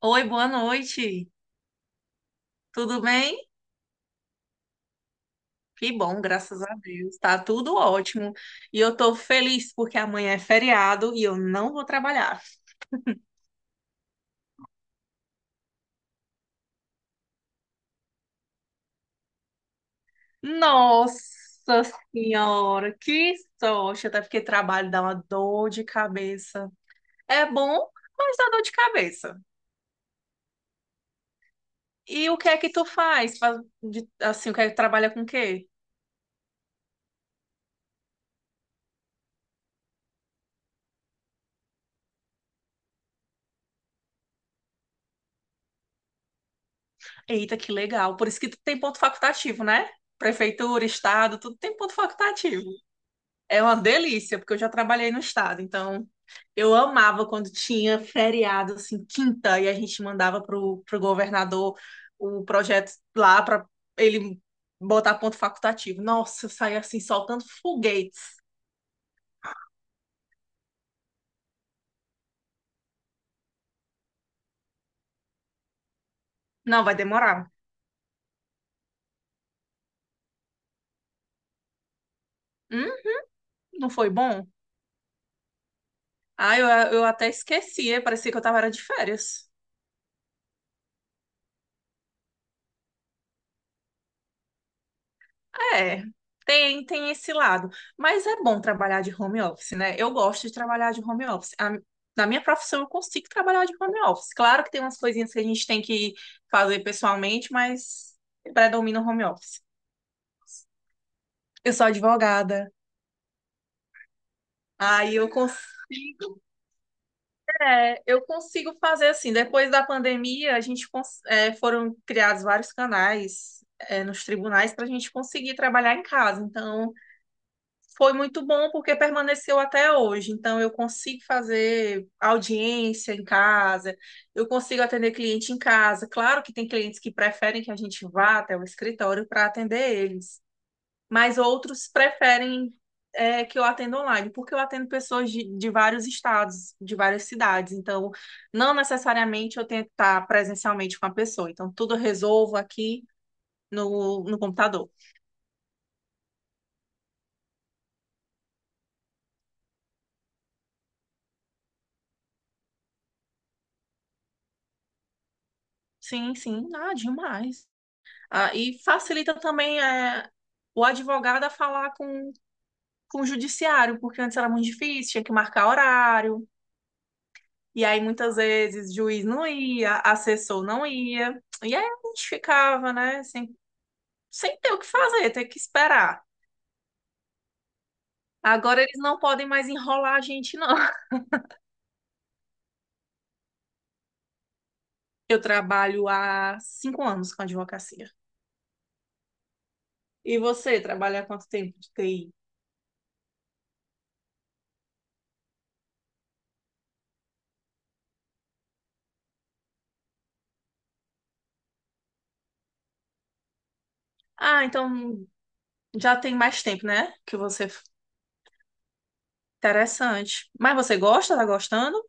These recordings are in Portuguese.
Oi, boa noite. Tudo bem? Que bom, graças a Deus. Tá tudo ótimo. E eu tô feliz porque amanhã é feriado e eu não vou trabalhar. Nossa Senhora, que sorte! Até porque trabalho dá uma dor de cabeça. É bom, mas dá dor de cabeça. E o que é que tu faz? Assim, o que é que tu trabalha com o quê? Eita, que legal. Por isso que tu tem ponto facultativo, né? Prefeitura, estado, tudo tem ponto facultativo. É uma delícia, porque eu já trabalhei no estado, então eu amava quando tinha feriado, assim, quinta, e a gente mandava pro governador o projeto lá para ele botar ponto facultativo. Nossa, eu saía assim, soltando foguetes. Não, vai demorar. Hum? Não foi bom? Ah, eu, eu até esquecia, parecia que eu tava era de férias. É, tem esse lado. Mas é bom trabalhar de home office, né? Eu gosto de trabalhar de home office. Na minha profissão, eu consigo trabalhar de home office. Claro que tem umas coisinhas que a gente tem que fazer pessoalmente, mas predomina o home office. Eu sou advogada. Aí eu, cons é, eu consigo fazer assim. Depois da pandemia, a gente foram criados vários canais, nos tribunais para a gente conseguir trabalhar em casa. Foi muito bom porque permaneceu até hoje. Então, eu consigo fazer audiência em casa, eu consigo atender cliente em casa. Claro que tem clientes que preferem que a gente vá até o escritório para atender eles, mas outros preferem que eu atenda online, porque eu atendo pessoas de vários estados, de várias cidades. Então, não necessariamente eu tenho que estar presencialmente com a pessoa. Então, tudo eu resolvo aqui no computador. Sim, sim, ah, demais. Ah, e facilita também o advogado a falar com o judiciário, porque antes era muito difícil, tinha que marcar horário, e aí muitas vezes juiz não ia, assessor não ia, e aí a gente ficava, né, sem ter o que fazer, ter que esperar. Agora eles não podem mais enrolar a gente, não. Eu trabalho há 5 anos com advocacia. E você trabalha há quanto tempo de TI? Ah, então já tem mais tempo, né? Que você. Interessante. Mas você gosta? Tá gostando?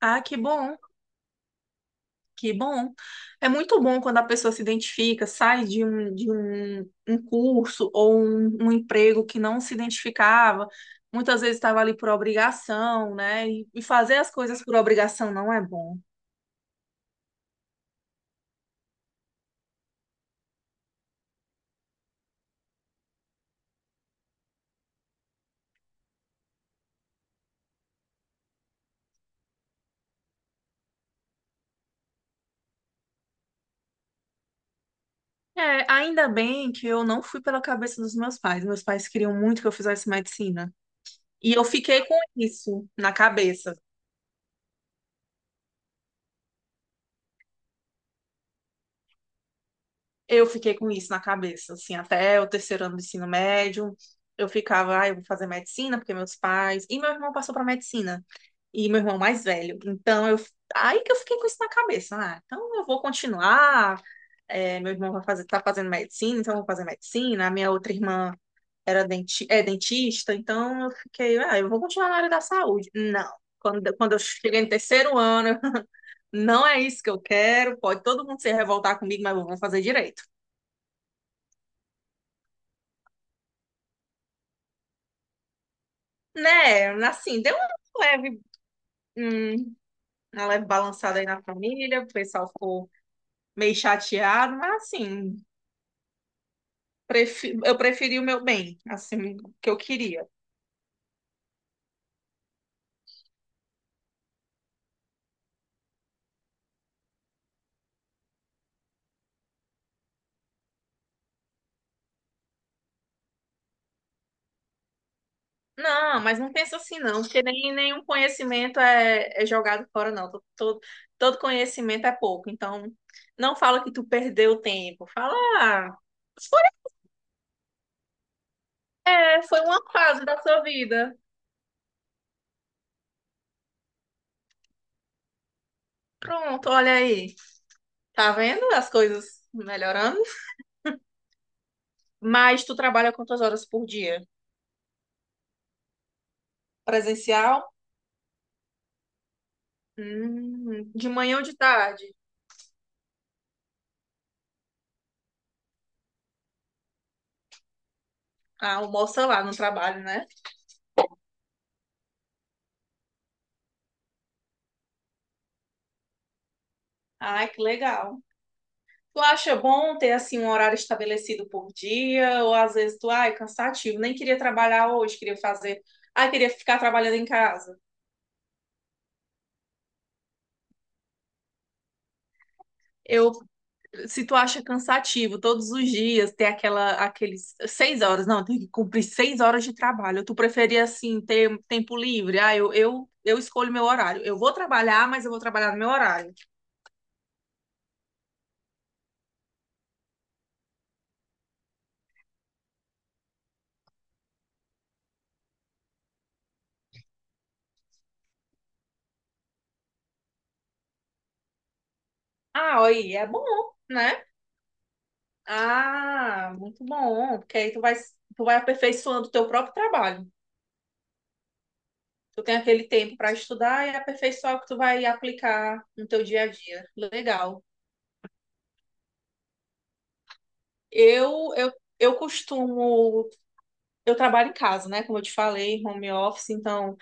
Ah, que bom, que bom. É muito bom quando a pessoa se identifica, sai um curso ou um emprego que não se identificava, muitas vezes estava ali por obrigação, né? E fazer as coisas por obrigação não é bom. É, ainda bem que eu não fui pela cabeça dos meus pais. Meus pais queriam muito que eu fizesse medicina. E eu fiquei com isso na cabeça. Eu fiquei com isso na cabeça, assim, até o terceiro ano do ensino médio. Eu ficava, ah, eu vou fazer medicina, porque meus pais. E meu irmão passou para medicina. E meu irmão mais velho. Então, eu... aí que eu fiquei com isso na cabeça. Ah, então eu vou continuar. É, meu irmão vai fazer, tá fazendo medicina, então eu vou fazer medicina. A minha outra irmã era é dentista, então eu fiquei, ah, eu vou continuar na área da saúde. Não. Quando eu cheguei no terceiro ano, não é isso que eu quero. Pode todo mundo se revoltar comigo, mas eu vou fazer direito. Né, assim, deu um leve, hum, uma leve balançada aí na família, o pessoal ficou meio chateado, mas assim, eu preferi o meu bem, assim, o que eu queria. Não, mas não pensa assim não, porque nem nenhum conhecimento é jogado fora não, todo conhecimento é pouco, então não fala que tu perdeu tempo, fala, ah, foi, é, foi uma fase da sua vida, pronto, olha aí, tá vendo as coisas melhorando? Mas tu trabalha quantas horas por dia? Presencial? De manhã ou de tarde? Ah, almoça lá no trabalho, né? Ah, que legal. Tu acha bom ter assim um horário estabelecido por dia? Ou às vezes tu, ai, cansativo, nem queria trabalhar hoje, queria fazer, ai, queria ficar trabalhando em casa. Eu Se tu acha cansativo todos os dias ter aqueles 6 horas, não, tem que cumprir 6 horas de trabalho. Tu preferia assim ter tempo livre? Ah, eu escolho meu horário. Eu vou trabalhar, mas eu vou trabalhar no meu horário. Ah, aí é bom, né? Ah, muito bom, porque aí tu vai aperfeiçoando o teu próprio trabalho. Tu tem aquele tempo para estudar e aperfeiçoar o que tu vai aplicar no teu dia a dia. Legal. Eu, eu eu costumo Eu trabalho em casa, né? Como eu te falei, home office, então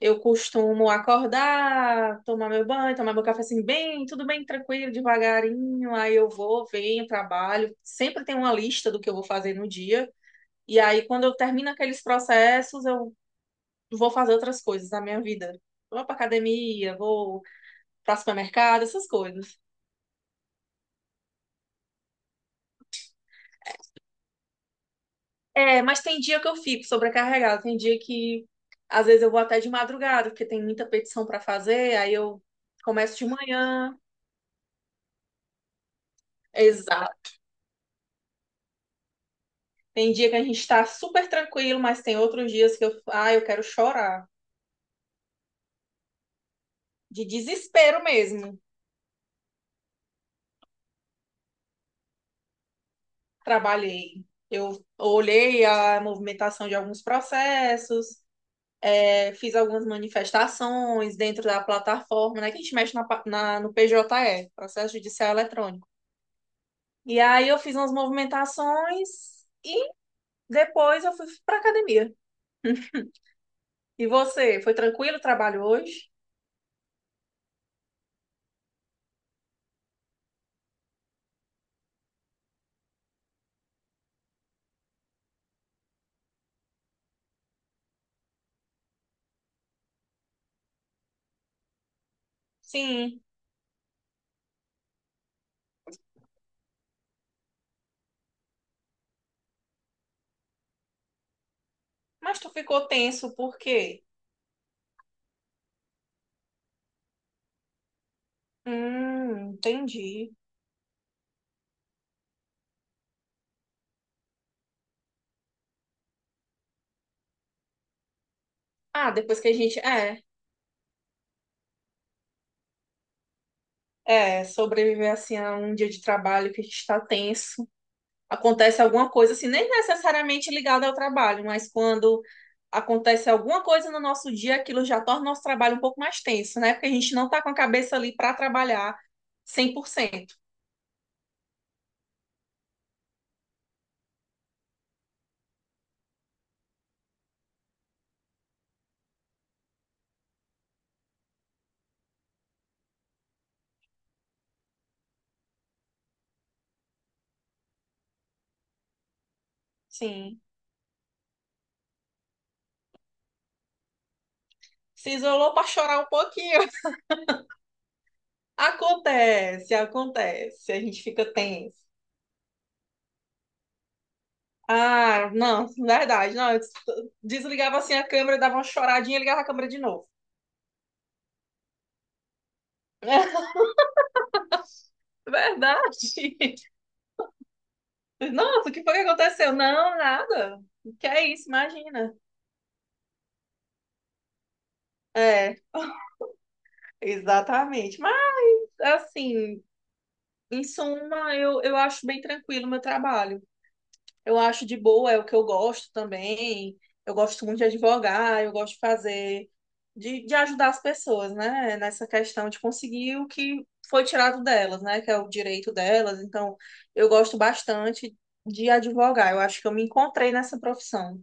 eu costumo acordar, tomar meu banho, tomar meu café assim, bem, tudo bem, tranquilo, devagarinho. Aí eu vou, venho, trabalho. Sempre tem uma lista do que eu vou fazer no dia. E aí, quando eu termino aqueles processos, eu vou fazer outras coisas na minha vida. Vou pra academia, vou pra supermercado, essas coisas. É, mas tem dia que eu fico sobrecarregada, tem dia que às vezes eu vou até de madrugada, porque tem muita petição para fazer, aí eu começo de manhã. Exato. Tem dia que a gente está super tranquilo, mas tem outros dias que eu, ah, eu quero chorar, de desespero mesmo. Trabalhei. Eu olhei a movimentação de alguns processos, fiz algumas manifestações dentro da plataforma, né, que a gente mexe no PJE, Processo Judicial Eletrônico. E aí eu fiz umas movimentações e depois eu fui pra academia. E você, foi tranquilo o trabalho hoje? Sim, mas tu ficou tenso por quê? Entendi. Ah, depois que a gente sobreviver assim a um dia de trabalho que a gente tá tenso, acontece alguma coisa assim, nem necessariamente ligada ao trabalho, mas quando acontece alguma coisa no nosso dia, aquilo já torna o nosso trabalho um pouco mais tenso, né? Porque a gente não tá com a cabeça ali pra trabalhar 100%. Sim. Se isolou para chorar um pouquinho. Acontece, acontece. A gente fica tenso. Ah, não, verdade. Não, eu desligava assim a câmera, dava uma choradinha e ligava a câmera de novo. Verdade. Nossa, o que foi que aconteceu? Não, nada. Que é isso, imagina. É, exatamente. Mas, assim, em suma, eu acho bem tranquilo o meu trabalho. Eu acho de boa, é o que eu gosto também. Eu gosto muito de advogar, eu gosto de fazer, de ajudar as pessoas, né? Nessa questão de conseguir o que foi tirado delas, né? Que é o direito delas. Então, eu gosto bastante de advogar. Eu acho que eu me encontrei nessa profissão.